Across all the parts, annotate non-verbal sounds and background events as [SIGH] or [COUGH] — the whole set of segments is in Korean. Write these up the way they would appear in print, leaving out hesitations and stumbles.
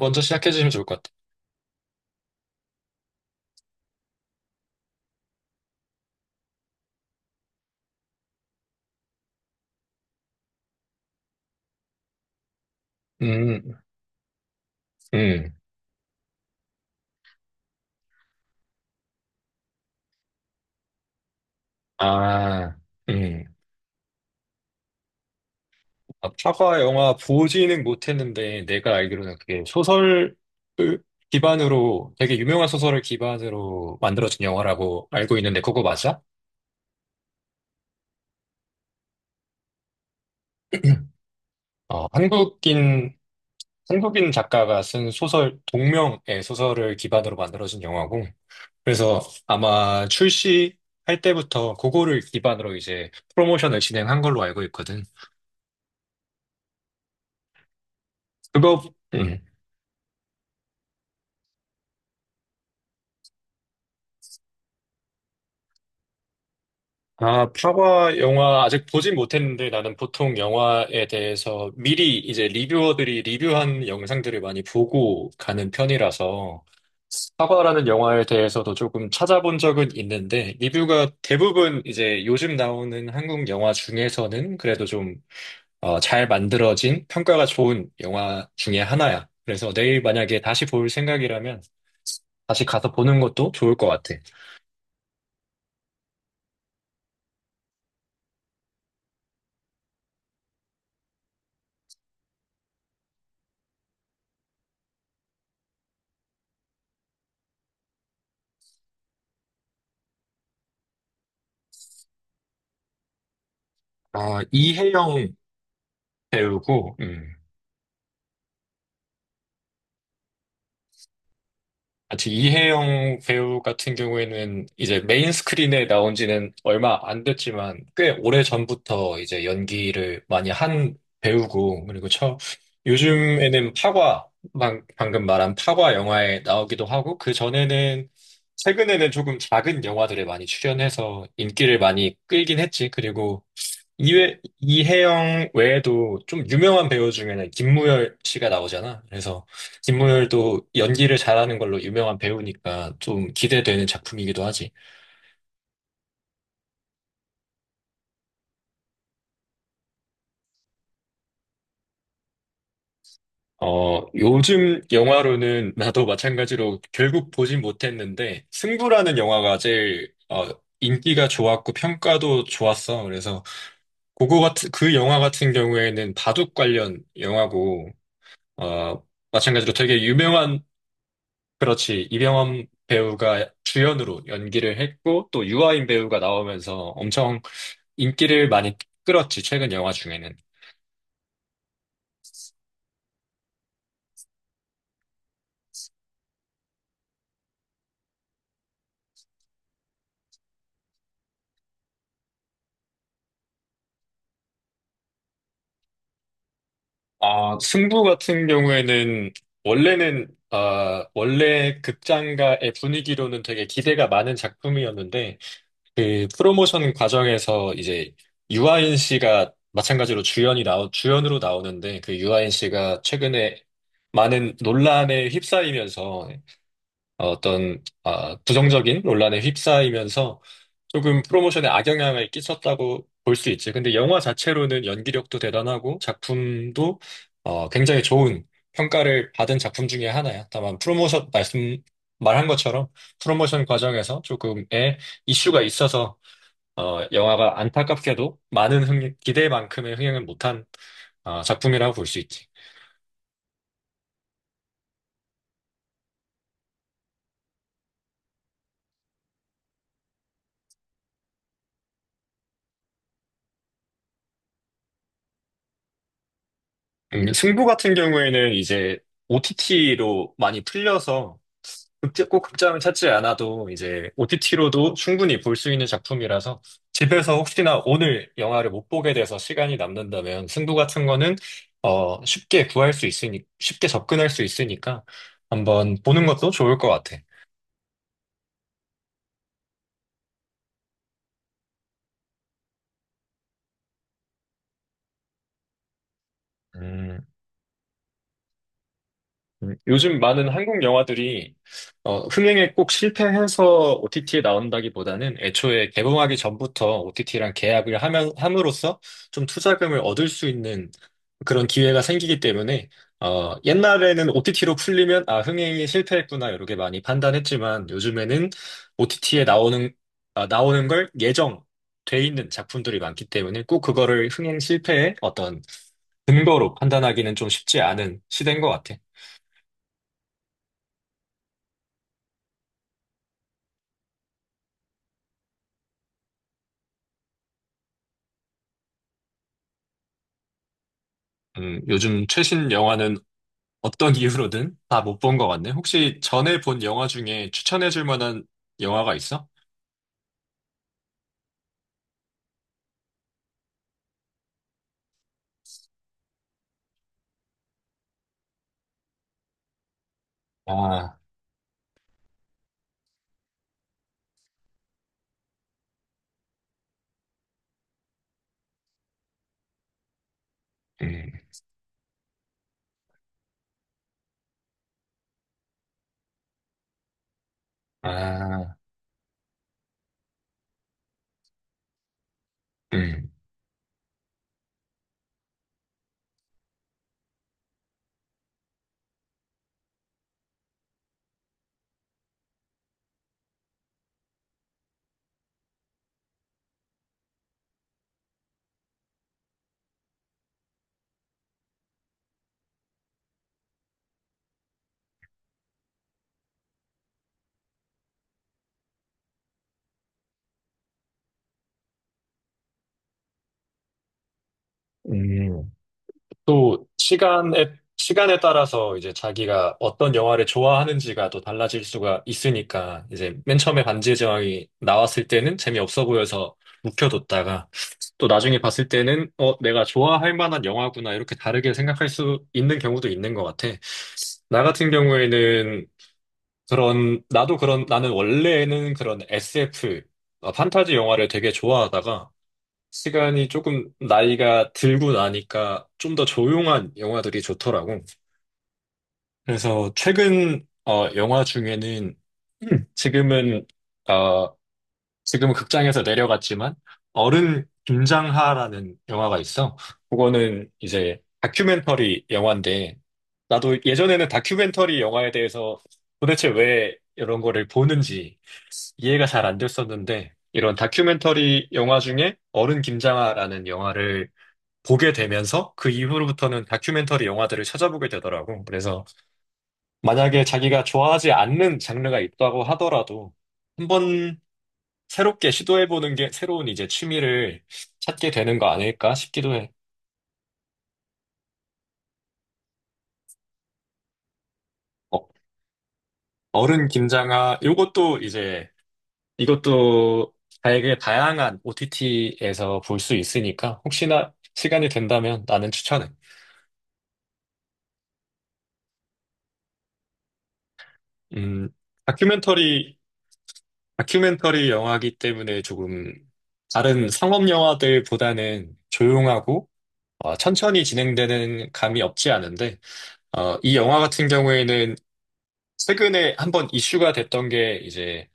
먼저 시작해 주시면 좋을 것 같아요. 음, 음, 아, 음. 아, 파과 영화 보지는 못했는데 내가 알기로는 그게 소설을 기반으로 되게 유명한 소설을 기반으로 만들어진 영화라고 알고 있는데 그거 맞아? 어, 한국인 한국인 작가가 쓴 소설 동명의 소설을 기반으로 만들어진 영화고, 그래서 아마 출시할 때부터 그거를 기반으로 이제 프로모션을 진행한 걸로 알고 있거든. 그거 음. 아, 파과 영화 아직 보진 못했는데 나는 보통 영화에 대해서 미리 이제 리뷰어들이 리뷰한 영상들을 많이 보고 가는 편이라서 파과라는 영화에 대해서도 조금 찾아본 적은 있는데, 리뷰가 대부분 이제 요즘 나오는 한국 영화 중에서는 그래도 좀, 잘 만들어진, 평가가 좋은 영화 중에 하나야. 그래서 내일 만약에 다시 볼 생각이라면 다시 가서 보는 것도 좋을 것 같아. 아, 이혜영 배우고, 아직 이혜영 배우 같은 경우에는 이제 메인 스크린에 나온 지는 얼마 안 됐지만 꽤 오래 전부터 이제 연기를 많이 한 배우고, 그리고 처 요즘에는 파과, 방금 말한 파과 영화에 나오기도 하고, 그 전에는 최근에는 조금 작은 영화들에 많이 출연해서 인기를 많이 끌긴 했지. 그리고 이혜영 외에도 좀 유명한 배우 중에는 김무열 씨가 나오잖아. 그래서 김무열도 연기를 잘하는 걸로 유명한 배우니까 좀 기대되는 작품이기도 하지. 어, 요즘 영화로는 [LAUGHS] 나도 마찬가지로 결국 보진 못했는데 승부라는 영화가 제일 인기가 좋았고 평가도 좋았어. 그래서 그거 같은 그 영화 같은 경우에는 바둑 관련 영화고, 어, 마찬가지로 되게 유명한. 그렇지, 이병헌 배우가 주연으로 연기를 했고, 또 유아인 배우가 나오면서 엄청 인기를 많이 끌었지, 최근 영화 중에는. 아, 승부 같은 경우에는, 원래 극장가의 분위기로는 되게 기대가 많은 작품이었는데, 그 프로모션 과정에서 이제 유아인 씨가 마찬가지로 주연으로 나오는데, 그 유아인 씨가 최근에 많은 논란에 휩싸이면서, 부정적인 논란에 휩싸이면서 조금 프로모션에 악영향을 끼쳤다고 볼 수 있지. 근데 영화 자체로는 연기력도 대단하고 작품도 굉장히 좋은 평가를 받은 작품 중에 하나야. 다만 프로모션 말씀 말한 것처럼 프로모션 과정에서 조금의 이슈가 있어서, 영화가 안타깝게도 기대만큼의 흥행을 못한, 작품이라고 볼 수 있지. 승부 같은 경우에는 이제 OTT로 많이 풀려서, 꼭 극장을 찾지 않아도 이제 OTT로도 충분히 볼 수 있는 작품이라서 집에서 혹시나 오늘 영화를 못 보게 돼서 시간이 남는다면 승부 같은 거는 쉽게 접근할 수 있으니까 한번 보는 것도 좋을 것 같아. 음. 요즘 많은 한국 영화들이 흥행에 꼭 실패해서 OTT에 나온다기보다는 애초에 개봉하기 전부터 OTT랑 함으로써 좀 투자금을 얻을 수 있는 그런 기회가 생기기 때문에, 옛날에는 OTT로 풀리면 아, 흥행이 실패했구나 이렇게 많이 판단했지만 요즘에는 OTT에 나오는, 나오는 걸 예정 돼 있는 작품들이 많기 때문에 꼭 그거를 흥행 실패의 어떤 근거로 판단하기는 좀 쉽지 않은 시대인 것 같아요. 요즘 최신 영화는 어떤 이유로든 다 못 본 것 같네. 혹시 전에 본 영화 중에 추천해 줄 만한 영화가 있어? 아, 음, 아, 음. 음. 또 시간에 따라서 이제 자기가 어떤 영화를 좋아하는지가 또 달라질 수가 있으니까, 이제 맨 처음에 반지의 제왕이 나왔을 때는 재미없어 보여서 묵혀뒀다가 또 나중에 봤을 때는 어 내가 좋아할 만한 영화구나 이렇게 다르게 생각할 수 있는 경우도 있는 것 같아. 나 같은 경우에는 그런 나도 그런 나는 원래는 그런 SF, 판타지 영화를 되게 좋아하다가 시간이 조금 나이가 들고 나니까 좀 더 조용한 영화들이 좋더라고. 그래서 최근 영화 중에는, 음, 지금은 어, 지금은 극장에서 내려갔지만 어른 김장하라는 영화가 있어. 그거는 이제 다큐멘터리 영화인데, 나도 예전에는 다큐멘터리 영화에 대해서 도대체 왜 이런 거를 보는지 이해가 잘 안 됐었는데, 이런 다큐멘터리 영화 중에 어른 김장하라는 영화를 보게 되면서 그 이후로부터는 다큐멘터리 영화들을 찾아보게 되더라고. 그래서 만약에 자기가 좋아하지 않는 장르가 있다고 하더라도 한번 새롭게 시도해보는 게 새로운 이제 취미를 찾게 되는 거 아닐까 싶기도 해. 어, 어른 김장아, 이것도 되게 다양한 OTT에서 볼 수 있으니까 혹시나 시간이 된다면 나는 추천해. 음, 다큐멘터리 다큐멘터리 영화이기 때문에 조금 다른 상업 영화들보다는 조용하고, 어, 천천히 진행되는 감이 없지 않은데, 어, 이 영화 같은 경우에는 최근에 한번 이슈가 됐던 게 이제,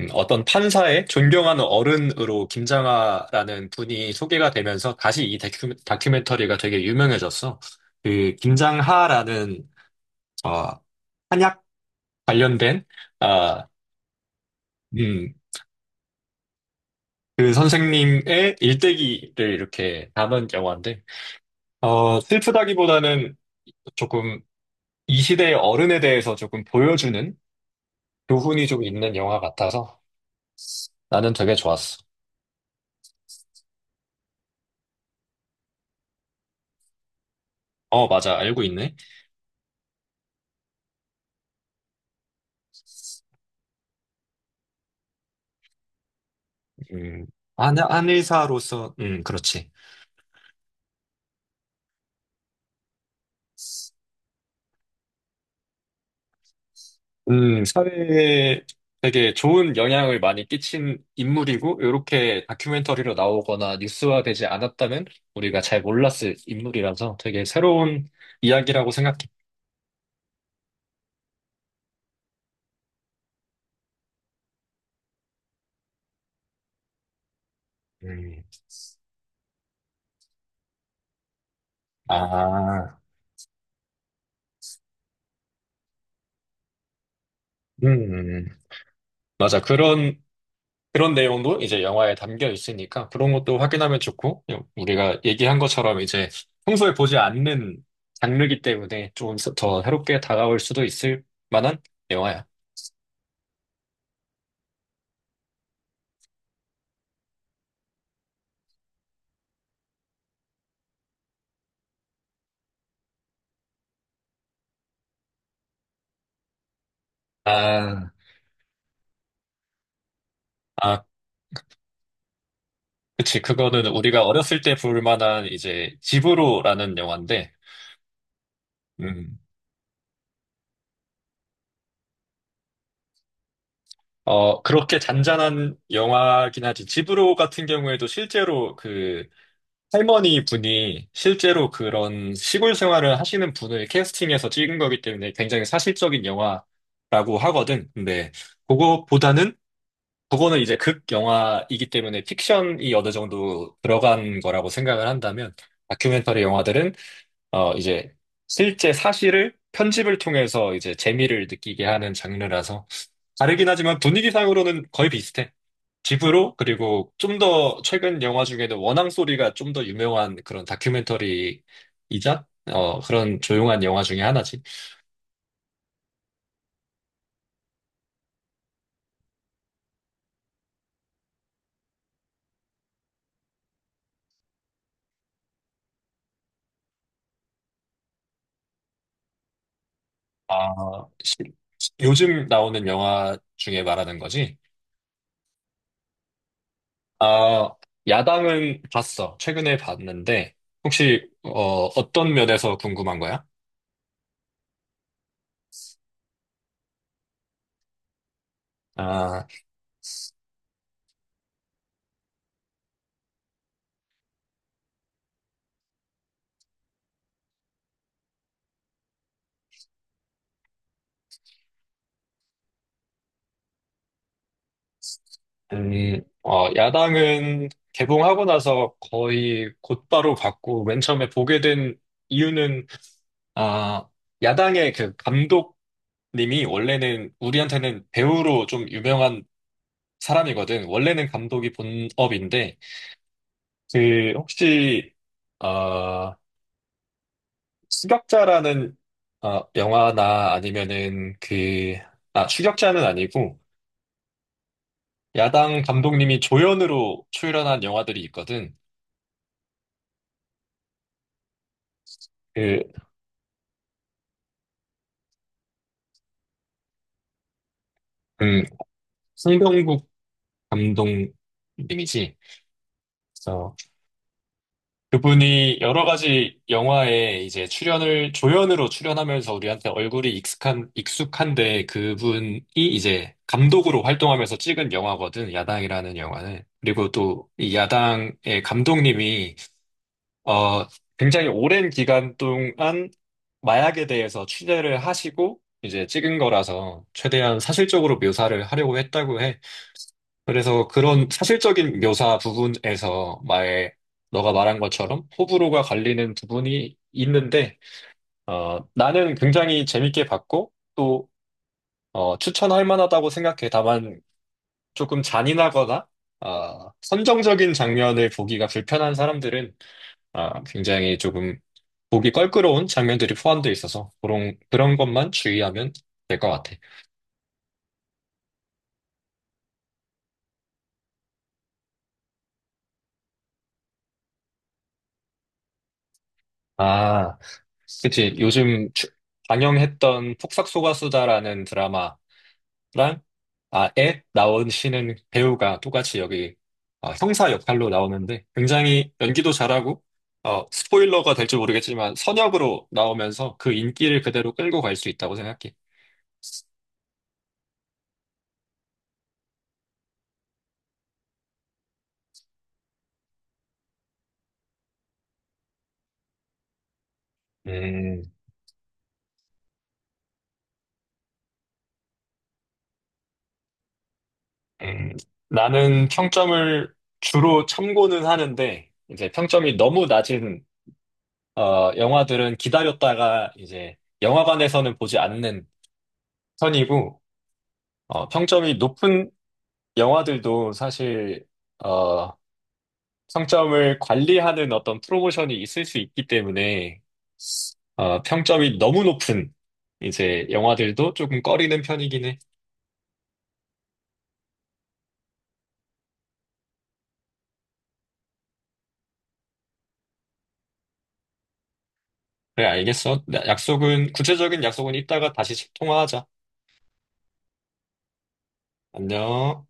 어떤 판사의 존경하는 어른으로 김장하라는 분이 소개가 되면서 다시 이 다큐멘터리가 되게 유명해졌어. 그 김장하라는 어, 한약 관련된, 아, 음, 그 선생님의 일대기를 이렇게 담은 영화인데, 어, 슬프다기보다는 조금 이 시대의 어른에 대해서 조금 보여주는 교훈이 좀 있는 영화 같아서 나는 되게 좋았어. 어, 맞아. 알고 있네. 음, 안, 안의사로서, 그렇지. 사회에 되게 좋은 영향을 많이 끼친 인물이고, 이렇게 다큐멘터리로 나오거나 뉴스화되지 않았다면 우리가 잘 몰랐을 인물이라서 되게 새로운 이야기라고 생각해. 음. 아, 음, 음. 음. 맞아. 그런 내용도 이제 영화에 담겨 있으니까 그런 것도 확인하면 좋고, 우리가 얘기한 것처럼 이제 평소에 보지 않는 장르이기 때문에 조금 더 새롭게 다가올 수도 있을 만한 영화야. 아, 아, 그치. 그거는 우리가 어렸을 때 볼 만한 이제 집으로라는 영화인데, 음, 그렇게 잔잔한 영화긴 하지. 집으로 같은 경우에도 실제로 그 할머니 분이 실제로 그런 시골 생활을 하시는 분을 캐스팅해서 찍은 거기 때문에 굉장히 사실적인 영화라고 하거든. 근데 그거보다는, 그거는 이제 극 영화이기 때문에 픽션이 어느 정도 들어간 거라고 생각을 한다면, 다큐멘터리 영화들은 어 이제 실제 사실을 편집을 통해서 이제 재미를 느끼게 하는 장르라서 다르긴 하지만 분위기상으로는 거의 비슷해. 집으로, 그리고 좀 더 최근 영화 중에는 원앙 소리가 좀 더 유명한 그런 다큐멘터리이자, 어, 그런 조용한 영화 중에 하나지. 아, 시- 요즘 나오는 영화 중에 말하는 거지. 아, 야당은 봤어. 최근에 봤는데, 혹시, 어, 어떤 면에서 궁금한 거야? 아, 어, 야당은 개봉하고 나서 거의 곧바로 봤고, 맨 처음에 보게 된 이유는, 아, 야당의 그 감독님이 원래는 우리한테는 배우로 좀 유명한 사람이거든. 원래는 감독이 본업인데, 그, 혹시, 어, 추격자라는, 어, 영화나 아니면은 그, 아, 추격자는 아니고, 야당 감독님이 조연으로 출연한 영화들이 있거든. 그, 음, 송병국 감독님이지. 그래서 그분이 여러 가지 영화에 이제 조연으로 출연하면서 우리한테 얼굴이 익숙한데 그분이 이제 감독으로 활동하면서 찍은 영화거든, 야당이라는 영화는. 그리고 또 이 야당의 감독님이 어, 굉장히 오랜 기간 동안 마약에 대해서 취재를 하시고 이제 찍은 거라서 최대한 사실적으로 묘사를 하려고 했다고 해. 그래서 그런 사실적인 묘사 부분에서 마에 너가 말한 것처럼 호불호가 갈리는 부분이 있는데, 어, 나는 굉장히 재밌게 봤고 또 어, 추천할 만하다고 생각해. 다만 조금 잔인하거나 어, 선정적인 장면을 보기가 불편한 사람들은 어, 굉장히 조금 보기 껄끄러운 장면들이 포함되어 있어서 그런 것만 주의하면 될 것 같아. 아, 그치. 요즘 방영했던 폭삭소가수다라는 드라마랑, 에 나오시는 배우가 똑같이 여기 어, 형사 역할로 나오는데 굉장히 연기도 잘하고, 어, 스포일러가 될지 모르겠지만 선역으로 나오면서 그 인기를 그대로 끌고 갈 수 있다고 생각해. 음. 음, 나는 평점을 주로 참고는 하는데, 이제 평점이 너무 낮은, 어, 영화들은 기다렸다가 이제 영화관에서는 보지 않는 편이고, 어, 평점이 높은 영화들도 사실, 어, 평점을 관리하는 어떤 프로모션이 있을 수 있기 때문에, 어, 평점이 너무 높은 이제 영화들도 조금 꺼리는 편이긴 해. 그래, 알겠어. 구체적인 약속은 이따가 다시 통화하자. 안녕.